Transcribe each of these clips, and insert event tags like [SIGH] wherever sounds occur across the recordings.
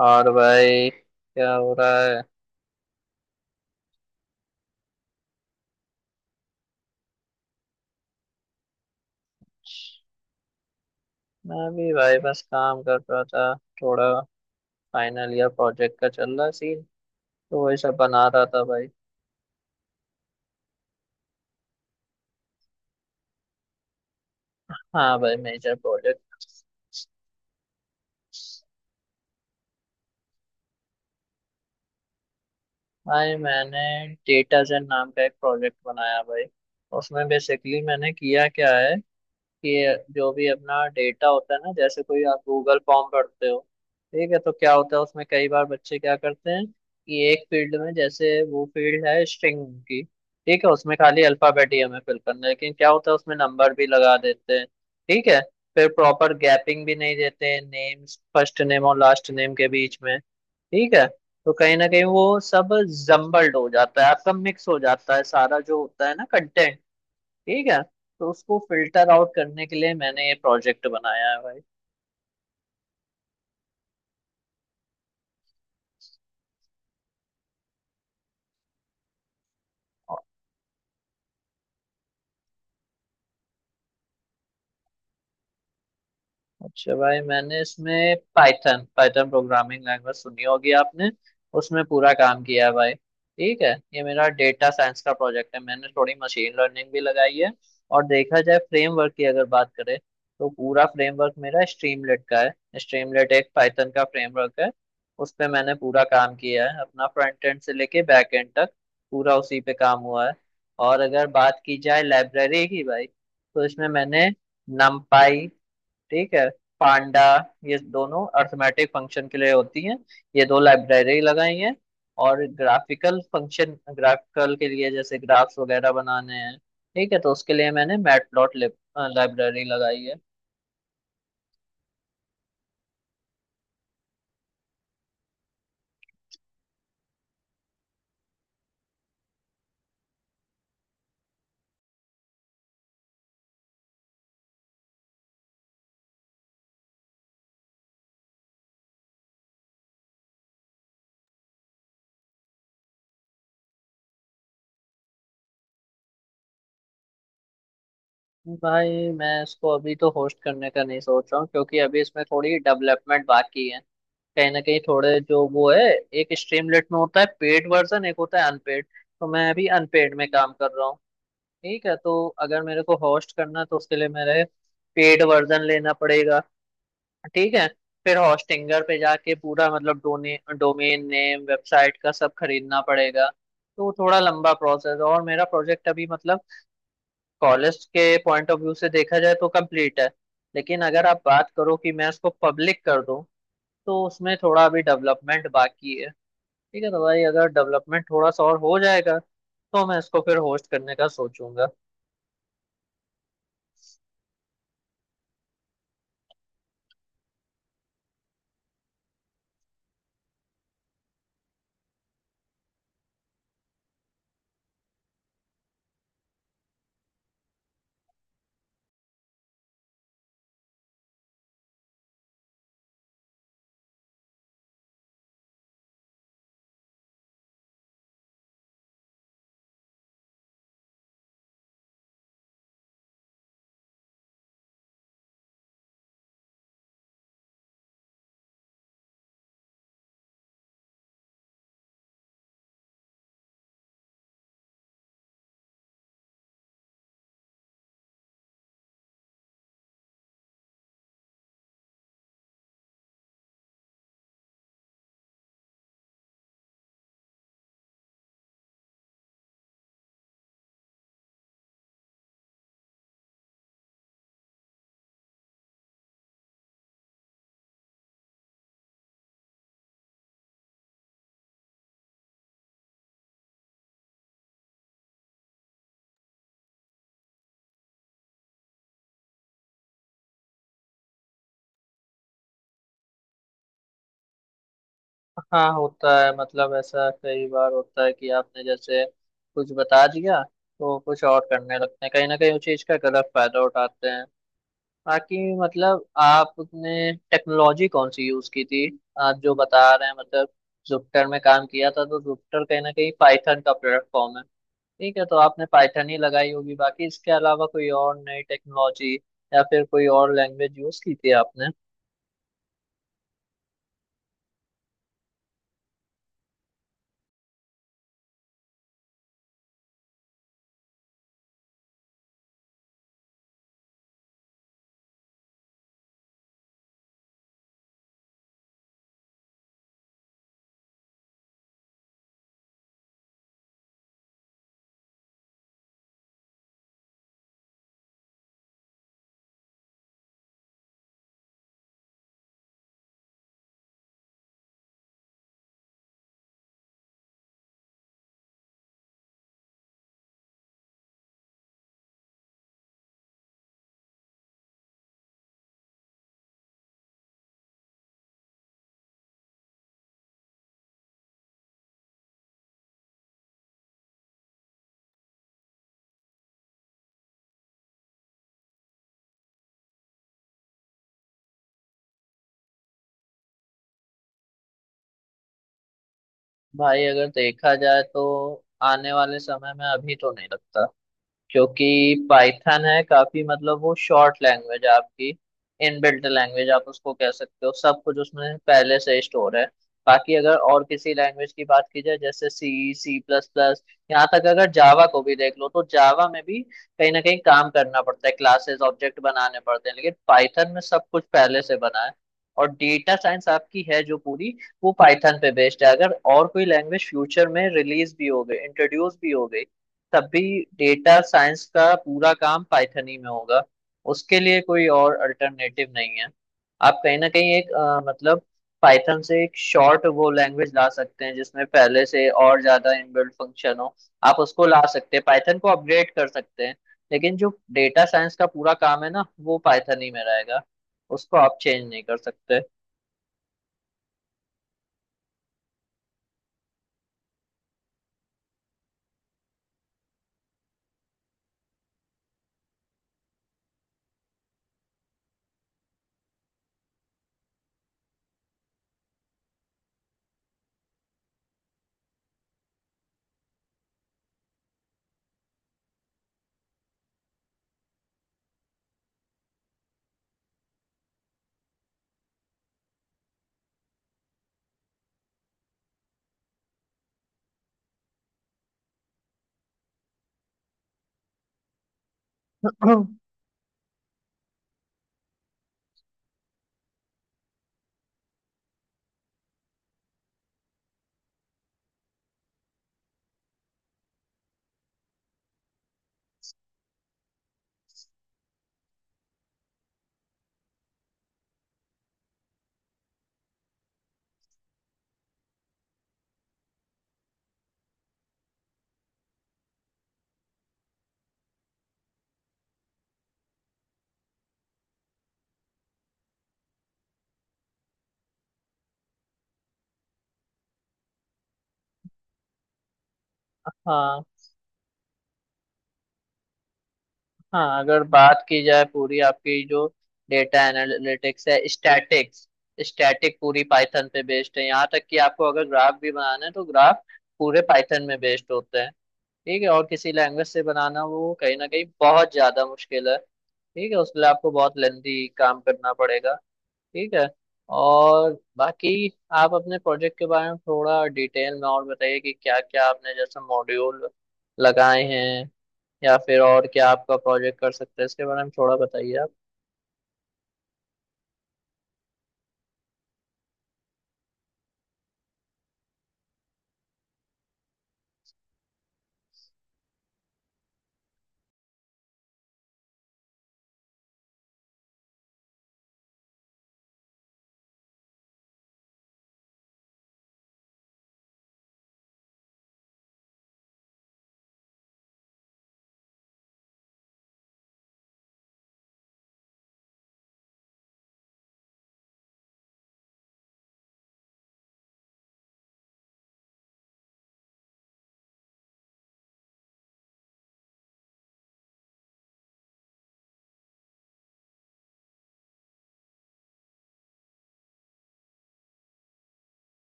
और भाई क्या हो रहा है। मैं भी भाई बस काम कर रहा था, थोड़ा फाइनल ईयर प्रोजेक्ट का चल रहा सीन, तो वही सब बना रहा था भाई। हाँ भाई, मेजर प्रोजेक्ट। भाई मैंने डेटा जेन नाम का एक प्रोजेक्ट बनाया भाई। उसमें बेसिकली मैंने किया क्या है कि जो भी अपना डेटा होता है ना, जैसे कोई आप गूगल फॉर्म भरते हो, ठीक है, तो क्या होता है उसमें कई बार बच्चे क्या करते हैं कि एक फील्ड में, जैसे वो फील्ड है स्ट्रिंग की, ठीक है, उसमें खाली अल्फाबेट ही हमें फिल करना है, लेकिन क्या होता है उसमें नंबर भी लगा देते हैं। ठीक है, फिर प्रॉपर गैपिंग भी नहीं देते हैं नेम्स, फर्स्ट नेम और लास्ट नेम के बीच में। ठीक है, तो कहीं ना कहीं वो सब जम्बल्ड हो जाता है, आपका मिक्स हो जाता है सारा जो होता है ना कंटेंट। ठीक है, तो उसको फिल्टर आउट करने के लिए मैंने ये प्रोजेक्ट बनाया है भाई। अच्छा भाई, मैंने इसमें पाइथन पाइथन प्रोग्रामिंग लैंग्वेज सुनी होगी आपने, उसमें पूरा काम किया है भाई। ठीक है, ये मेरा डेटा साइंस का प्रोजेक्ट है, मैंने थोड़ी मशीन लर्निंग भी लगाई है। और देखा जाए, फ्रेमवर्क की अगर बात करें, तो पूरा फ्रेमवर्क मेरा स्ट्रीमलेट का है। स्ट्रीमलेट एक पाइथन का फ्रेमवर्क है। उस पे मैंने पूरा काम किया है, अपना फ्रंट एंड से लेके बैक एंड तक पूरा उसी पे काम हुआ है। और अगर बात की जाए लाइब्रेरी की भाई, तो इसमें मैंने numpy, ठीक है, पांडा, ये दोनों अर्थमेटिक फंक्शन के लिए होती हैं, ये दो लाइब्रेरी लगाई हैं। और ग्राफिकल फंक्शन, ग्राफिकल के लिए, जैसे ग्राफ्स वगैरह बनाने हैं, ठीक है, तो उसके लिए मैंने मैटप्लॉट लाइब्रेरी लगाई है। भाई मैं इसको अभी तो होस्ट करने का नहीं सोच रहा हूँ, क्योंकि अभी इसमें थोड़ी डेवलपमेंट बाकी है। कहीं ना कहीं थोड़े जो वो है, एक स्ट्रीमलेट में होता है पेड वर्जन, एक होता है अनपेड, तो मैं अभी अनपेड में काम कर रहा हूँ। ठीक है, तो अगर मेरे को होस्ट करना है, तो उसके लिए मेरे पेड वर्जन लेना पड़ेगा। ठीक है, फिर होस्टिंगर पे जाके पूरा मतलब डोने डोमेन नेम वेबसाइट का सब खरीदना पड़ेगा, तो वो थोड़ा लंबा प्रोसेस, और मेरा प्रोजेक्ट अभी मतलब कॉलेज के पॉइंट ऑफ व्यू से देखा जाए तो कंप्लीट है। लेकिन अगर आप बात करो कि मैं इसको पब्लिक कर दूं, तो उसमें थोड़ा अभी डेवलपमेंट बाकी है। ठीक है, तो भाई अगर डेवलपमेंट थोड़ा सा और हो जाएगा, तो मैं इसको फिर होस्ट करने का सोचूंगा। हाँ होता है, मतलब ऐसा कई बार होता है कि आपने जैसे कुछ बता दिया, तो कुछ और करने लगते हैं, कहीं ना कहीं उस चीज का गलत फायदा उठाते हैं। बाकी मतलब आपने टेक्नोलॉजी कौन सी यूज की थी, आप जो बता रहे हैं, मतलब जुपिटर में काम किया था, तो जुपिटर कहीं ना कहीं पाइथन का प्लेटफॉर्म है। ठीक है, तो आपने पाइथन ही लगाई होगी, बाकी इसके अलावा कोई और नई टेक्नोलॉजी या फिर कोई और लैंग्वेज यूज की थी आपने? भाई अगर देखा जाए, तो आने वाले समय में अभी तो नहीं लगता, क्योंकि पाइथन है काफी मतलब, वो शॉर्ट लैंग्वेज है आपकी, इनबिल्ट लैंग्वेज आप उसको कह सकते हो, सब कुछ उसमें पहले से स्टोर है। बाकी अगर और किसी लैंग्वेज की बात की जाए, जैसे सी, सी प्लस प्लस, यहाँ तक अगर जावा को भी देख लो, तो जावा में भी कहीं ना कहीं काम करना पड़ता है, क्लासेस ऑब्जेक्ट बनाने पड़ते हैं, लेकिन पाइथन में सब कुछ पहले से बना है। और डेटा साइंस आपकी है जो पूरी, वो पाइथन पे बेस्ड है। अगर और कोई लैंग्वेज फ्यूचर में रिलीज भी हो गई, इंट्रोड्यूस भी हो गई, तब भी डेटा साइंस का पूरा काम पाइथन ही में होगा, उसके लिए कोई और अल्टरनेटिव नहीं है। आप कहीं ना कहीं एक मतलब पाइथन से एक शॉर्ट वो लैंग्वेज ला सकते हैं, जिसमें पहले से और ज्यादा इनबिल्ट फंक्शन हो, आप उसको ला सकते हैं, पाइथन को अपग्रेड कर सकते हैं। लेकिन जो डेटा साइंस का पूरा काम है ना, वो पाइथन ही में रहेगा, उसको आप चेंज नहीं कर सकते। [CLEARS THROAT] हाँ हाँ, अगर बात की जाए, पूरी आपकी जो डेटा एनालिटिक्स है, स्टैटिक्स, स्टैटिक पूरी पाइथन पे बेस्ड है। यहाँ तक कि आपको अगर ग्राफ भी बनाना है, तो ग्राफ पूरे पाइथन में बेस्ड होते हैं। ठीक है, और किसी लैंग्वेज से बनाना वो कहीं ना कहीं बहुत ज्यादा मुश्किल है। ठीक है, उसके लिए आपको बहुत लेंथी काम करना पड़ेगा। ठीक है, और बाकी आप अपने प्रोजेक्ट के बारे में थोड़ा डिटेल में और बताइए, कि क्या क्या आपने जैसे मॉड्यूल लगाए हैं, या फिर और क्या आपका प्रोजेक्ट कर सकता है, इसके बारे में थोड़ा बताइए आप।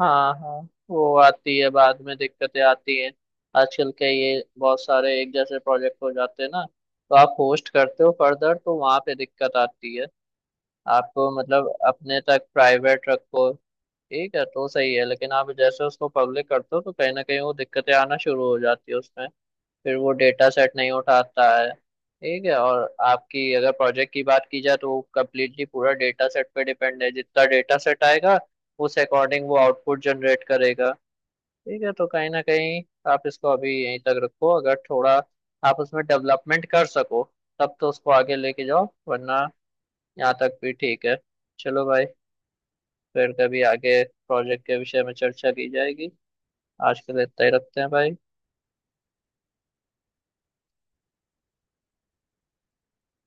हाँ हाँ, वो आती है, बाद में दिक्कतें आती हैं। आजकल के ये बहुत सारे एक जैसे प्रोजेक्ट हो जाते हैं ना, तो आप होस्ट करते हो फर्दर, तो वहाँ पे दिक्कत आती है। आपको मतलब अपने तक प्राइवेट रखो, ठीक है तो सही है, लेकिन आप जैसे उसको पब्लिक करते हो, तो कहीं ना कहीं वो दिक्कतें आना शुरू हो जाती है उसमें, फिर वो डेटा सेट नहीं उठाता है। ठीक है, और आपकी अगर प्रोजेक्ट की बात की जाए, तो कम्प्लीटली पूरा डेटा सेट पे डिपेंड है, जितना डेटा सेट आएगा, उस अकॉर्डिंग वो आउटपुट जनरेट करेगा। ठीक है, तो कहीं ना कहीं आप इसको अभी यहीं तक रखो, अगर थोड़ा आप उसमें डेवलपमेंट कर सको, तब तो उसको आगे लेके जाओ, वरना यहाँ तक भी ठीक है। चलो भाई, फिर कभी आगे प्रोजेक्ट के विषय में चर्चा की जाएगी। आज के लिए इतना ही रखते हैं भाई।